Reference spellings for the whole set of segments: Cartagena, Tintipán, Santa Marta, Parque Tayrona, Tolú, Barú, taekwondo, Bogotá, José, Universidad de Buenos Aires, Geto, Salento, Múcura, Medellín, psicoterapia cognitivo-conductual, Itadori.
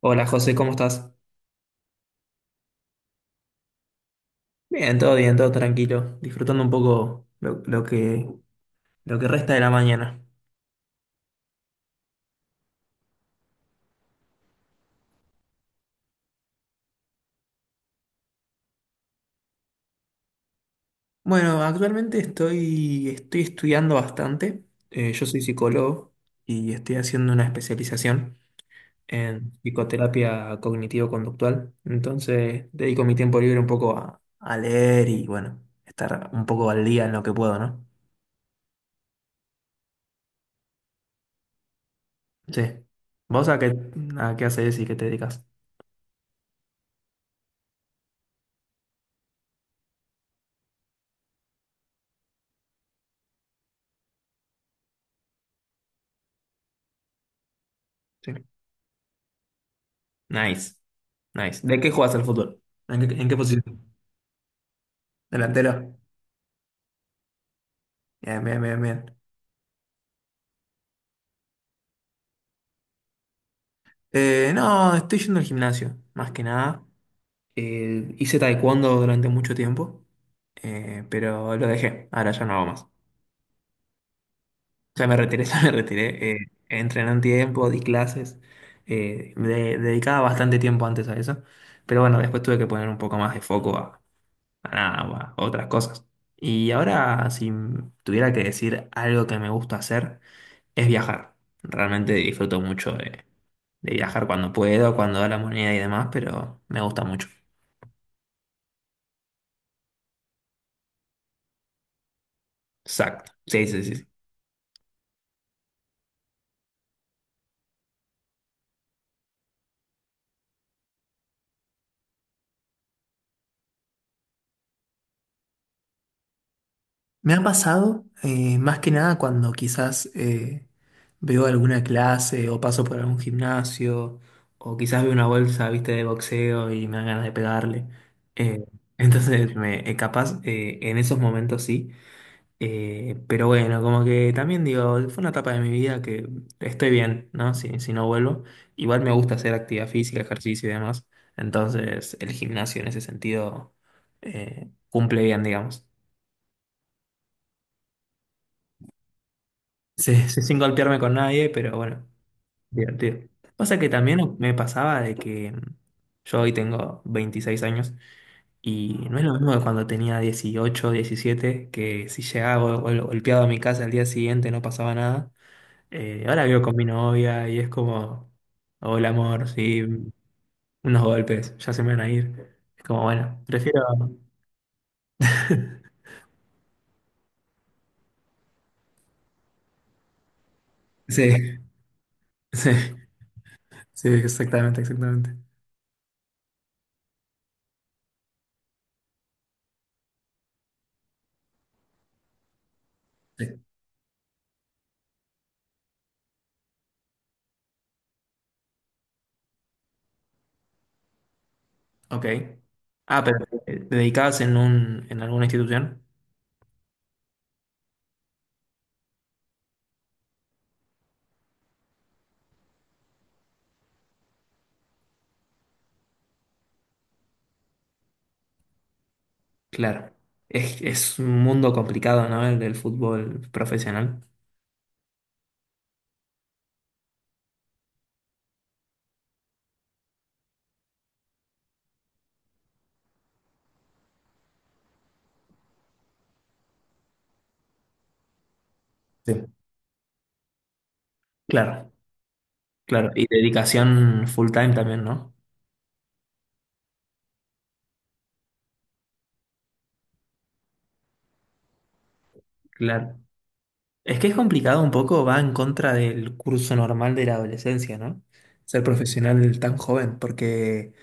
Hola José, ¿cómo estás? Bien, todo tranquilo, disfrutando un poco lo que resta de la mañana. Bueno, actualmente estoy estudiando bastante. Yo soy psicólogo y estoy haciendo una especialización en psicoterapia cognitivo-conductual. Entonces, dedico mi tiempo libre un poco a leer y, bueno, estar un poco al día en lo que puedo, ¿no? Sí. ¿Vos a qué haces y qué te dedicas? Sí. Nice. Nice. ¿De qué juegas al fútbol? ¿En qué posición? Delantero. Bien, bien, bien, bien. No, estoy yendo al gimnasio, más que nada. Hice taekwondo durante mucho tiempo, pero lo dejé. Ahora ya no hago más. Ya me retiré, ya me retiré. Entrené un tiempo, di clases. Me dedicaba bastante tiempo antes a eso. Pero bueno, después tuve que poner un poco más de foco a nada, a otras cosas. Y ahora, si tuviera que decir algo que me gusta hacer, es viajar. Realmente disfruto mucho de viajar cuando puedo, cuando da la moneda y demás, pero me gusta mucho. Exacto. Sí, sí, sí. Sí. Me ha pasado, más que nada cuando quizás veo alguna clase o paso por algún gimnasio o quizás veo una bolsa, viste, de boxeo y me dan ganas de pegarle. Eh, entonces, capaz en esos momentos sí. Pero bueno, como que también digo, fue una etapa de mi vida que estoy bien, ¿no? Si no vuelvo. Igual me gusta hacer actividad física, ejercicio y demás. Entonces, el gimnasio en ese sentido cumple bien, digamos. Sí, sí, sin golpearme con nadie, pero bueno, divertido. Pasa que también me pasaba de que yo hoy tengo 26 años y no es lo mismo que cuando tenía 18 17 que si llegaba golpeado a mi casa al día siguiente no pasaba nada. Ahora vivo con mi novia y es como, hola amor, sí, unos golpes, ya se me van a ir. Es como, bueno, prefiero. Sí, sí, sí, exactamente, exactamente. Sí. Ok. Ah, pero ¿dedicabas en alguna institución? Claro. Es un mundo complicado, ¿no? El del fútbol profesional. Sí. Claro, claro. Y dedicación full time también, ¿no? Claro. Es que es complicado un poco, va en contra del curso normal de la adolescencia, ¿no? Ser profesional tan joven, porque,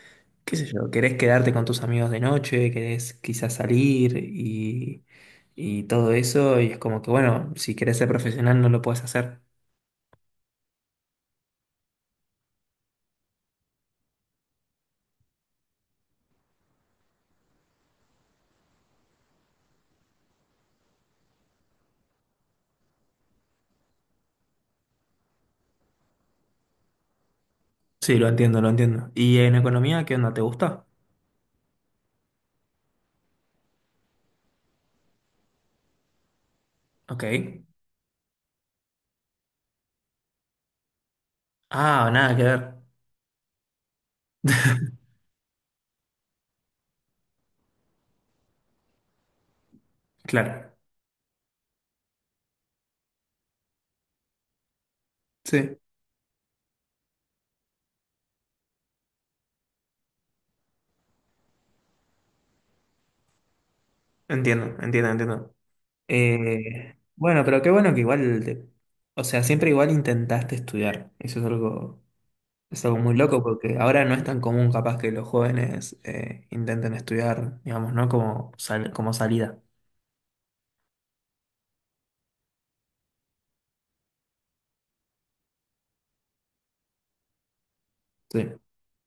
qué sé yo, querés quedarte con tus amigos de noche, querés quizás salir y todo eso, y es como que, bueno, si querés ser profesional no lo puedes hacer. Sí, lo entiendo, lo entiendo. ¿Y en economía qué onda? ¿Te gusta? Ok. Ah, nada que ver. Claro. Sí, entiendo, entiendo, entiendo. Bueno, pero qué bueno que igual, o sea, siempre igual intentaste estudiar. Eso es algo muy loco porque ahora no es tan común capaz que los jóvenes intenten estudiar, digamos, ¿no? Como, como salida. Sí.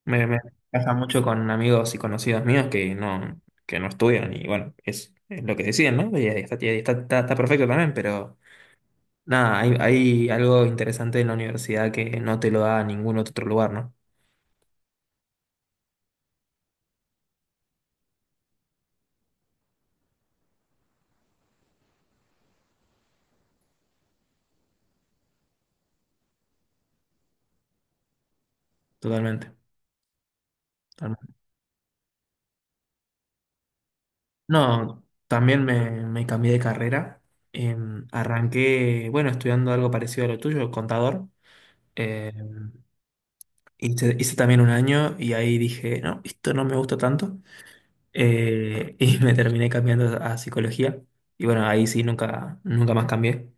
Me pasa mucho con amigos y conocidos míos que no, estudian y bueno, es lo que deciden, ¿no? Y ahí está, está perfecto también, pero nada, hay algo interesante en la universidad que no te lo da ningún otro lugar, ¿no? Totalmente. No, también me cambié de carrera. Arranqué, bueno, estudiando algo parecido a lo tuyo, contador. Em, hice también un año y ahí dije, no, esto no me gusta tanto. Y me terminé cambiando a psicología. Y bueno, ahí sí nunca más cambié.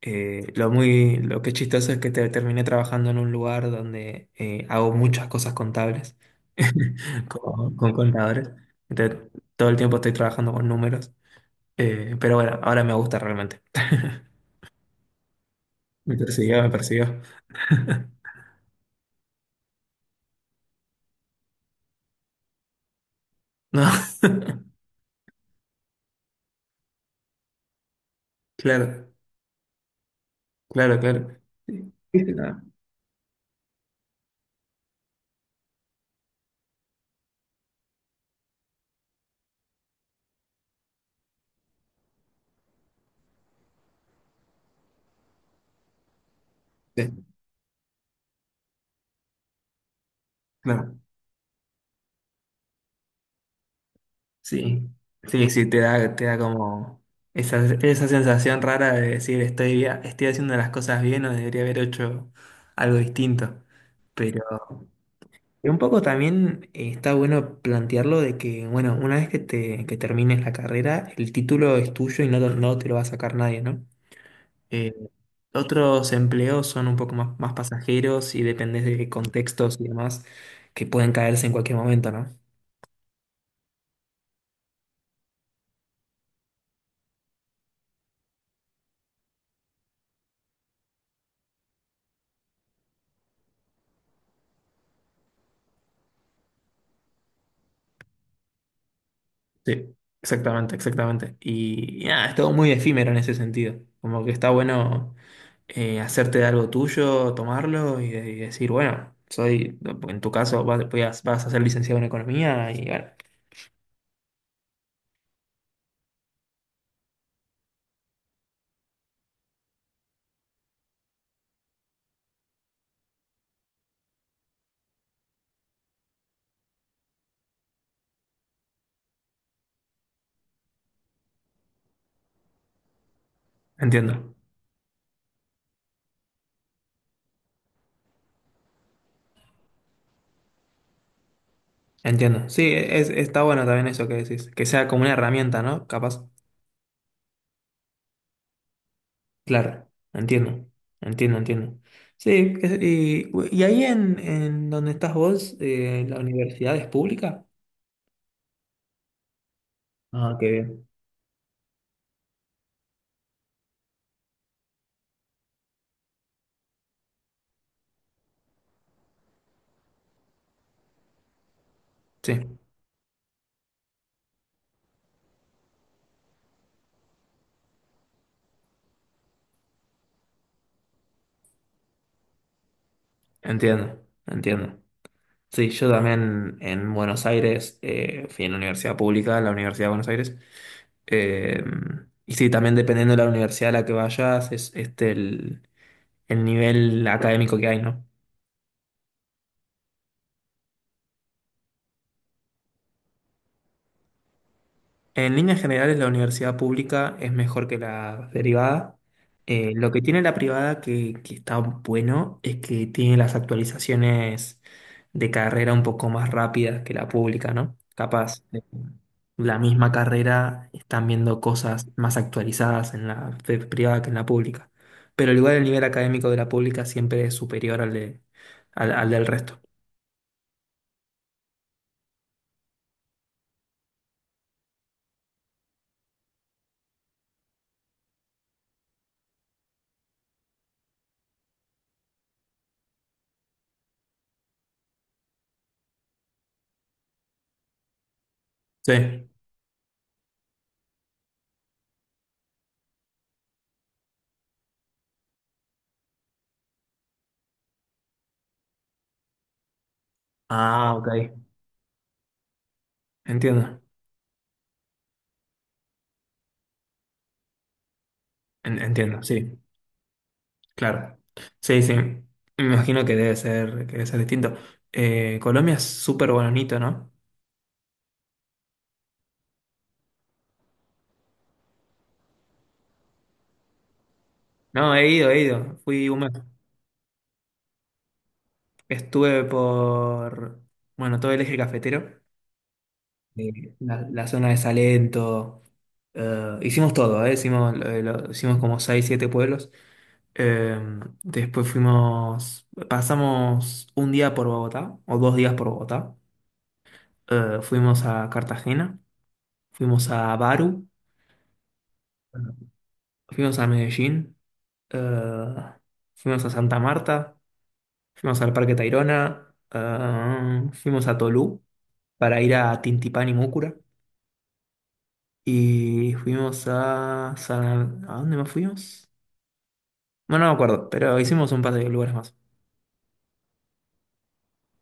Lo muy, lo que es chistoso es que terminé trabajando en un lugar donde hago muchas cosas contables con contadores. Entonces, todo el tiempo estoy trabajando con números. Pero bueno, ahora me gusta realmente. Me persiguió, me persiguió. No, claro, claro, claro. Sí, sí, no, sí, claro, sí. Sí, sí, te da como esa sensación rara de decir estoy haciendo las cosas bien o debería haber hecho algo distinto. Pero un poco también está bueno plantearlo de que, bueno, una vez que termines la carrera, el título es tuyo y no te lo va a sacar nadie, ¿no? Eh, Otros empleos son un poco más pasajeros y dependes de contextos y demás que pueden caerse en cualquier momento, ¿no? Sí, exactamente, exactamente. Y nada, es todo muy efímero en ese sentido. Como que está bueno hacerte de algo tuyo, tomarlo y, y decir, bueno, soy, en tu caso, vas a ser licenciado en economía y bueno, entiendo, entiendo. Sí, está bueno también eso que decís, que sea como una herramienta, ¿no? Capaz. Claro, entiendo, entiendo, entiendo. Sí, y ahí en donde estás vos, la universidad es pública. Ah, qué bien. Sí, entiendo, entiendo. Sí, yo también en Buenos Aires fui en la universidad pública, la Universidad de Buenos Aires. Eh, y sí, también dependiendo de la universidad a la que vayas, es este el nivel académico que hay, ¿no? En líneas generales, la universidad pública es mejor que la derivada. Lo que tiene la privada que está bueno es que tiene las actualizaciones de carrera un poco más rápidas que la pública, ¿no? Capaz, la misma carrera están viendo cosas más actualizadas en la privada que en la pública. Pero al igual el nivel académico de la pública siempre es superior al del resto. Sí. Ah, ok. Entiendo. Entiendo, sí. Claro. Sí, sí. Me imagino que debe ser distinto. Colombia es súper bonito, ¿no? No, he ido, he ido. Fui un mes. Estuve por, bueno, todo el eje cafetero, la zona de Salento. Hicimos todo, ¿eh? Hicimos, hicimos como 6, 7 pueblos. Eh, Después pasamos un día por Bogotá, o 2 días por Bogotá. Fuimos a Cartagena, fuimos a Baru, fuimos a Medellín. Eh, Fuimos a Santa Marta, fuimos al Parque Tayrona, fuimos a Tolú para ir a Tintipán y Múcura y ¿A dónde más fuimos? Bueno, no me acuerdo, pero hicimos un par de lugares más.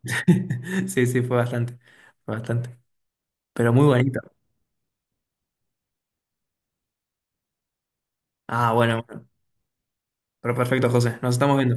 Sí, sí, fue bastante, pero muy bonito. Ah, bueno, bueno, pero perfecto, José, nos estamos viendo.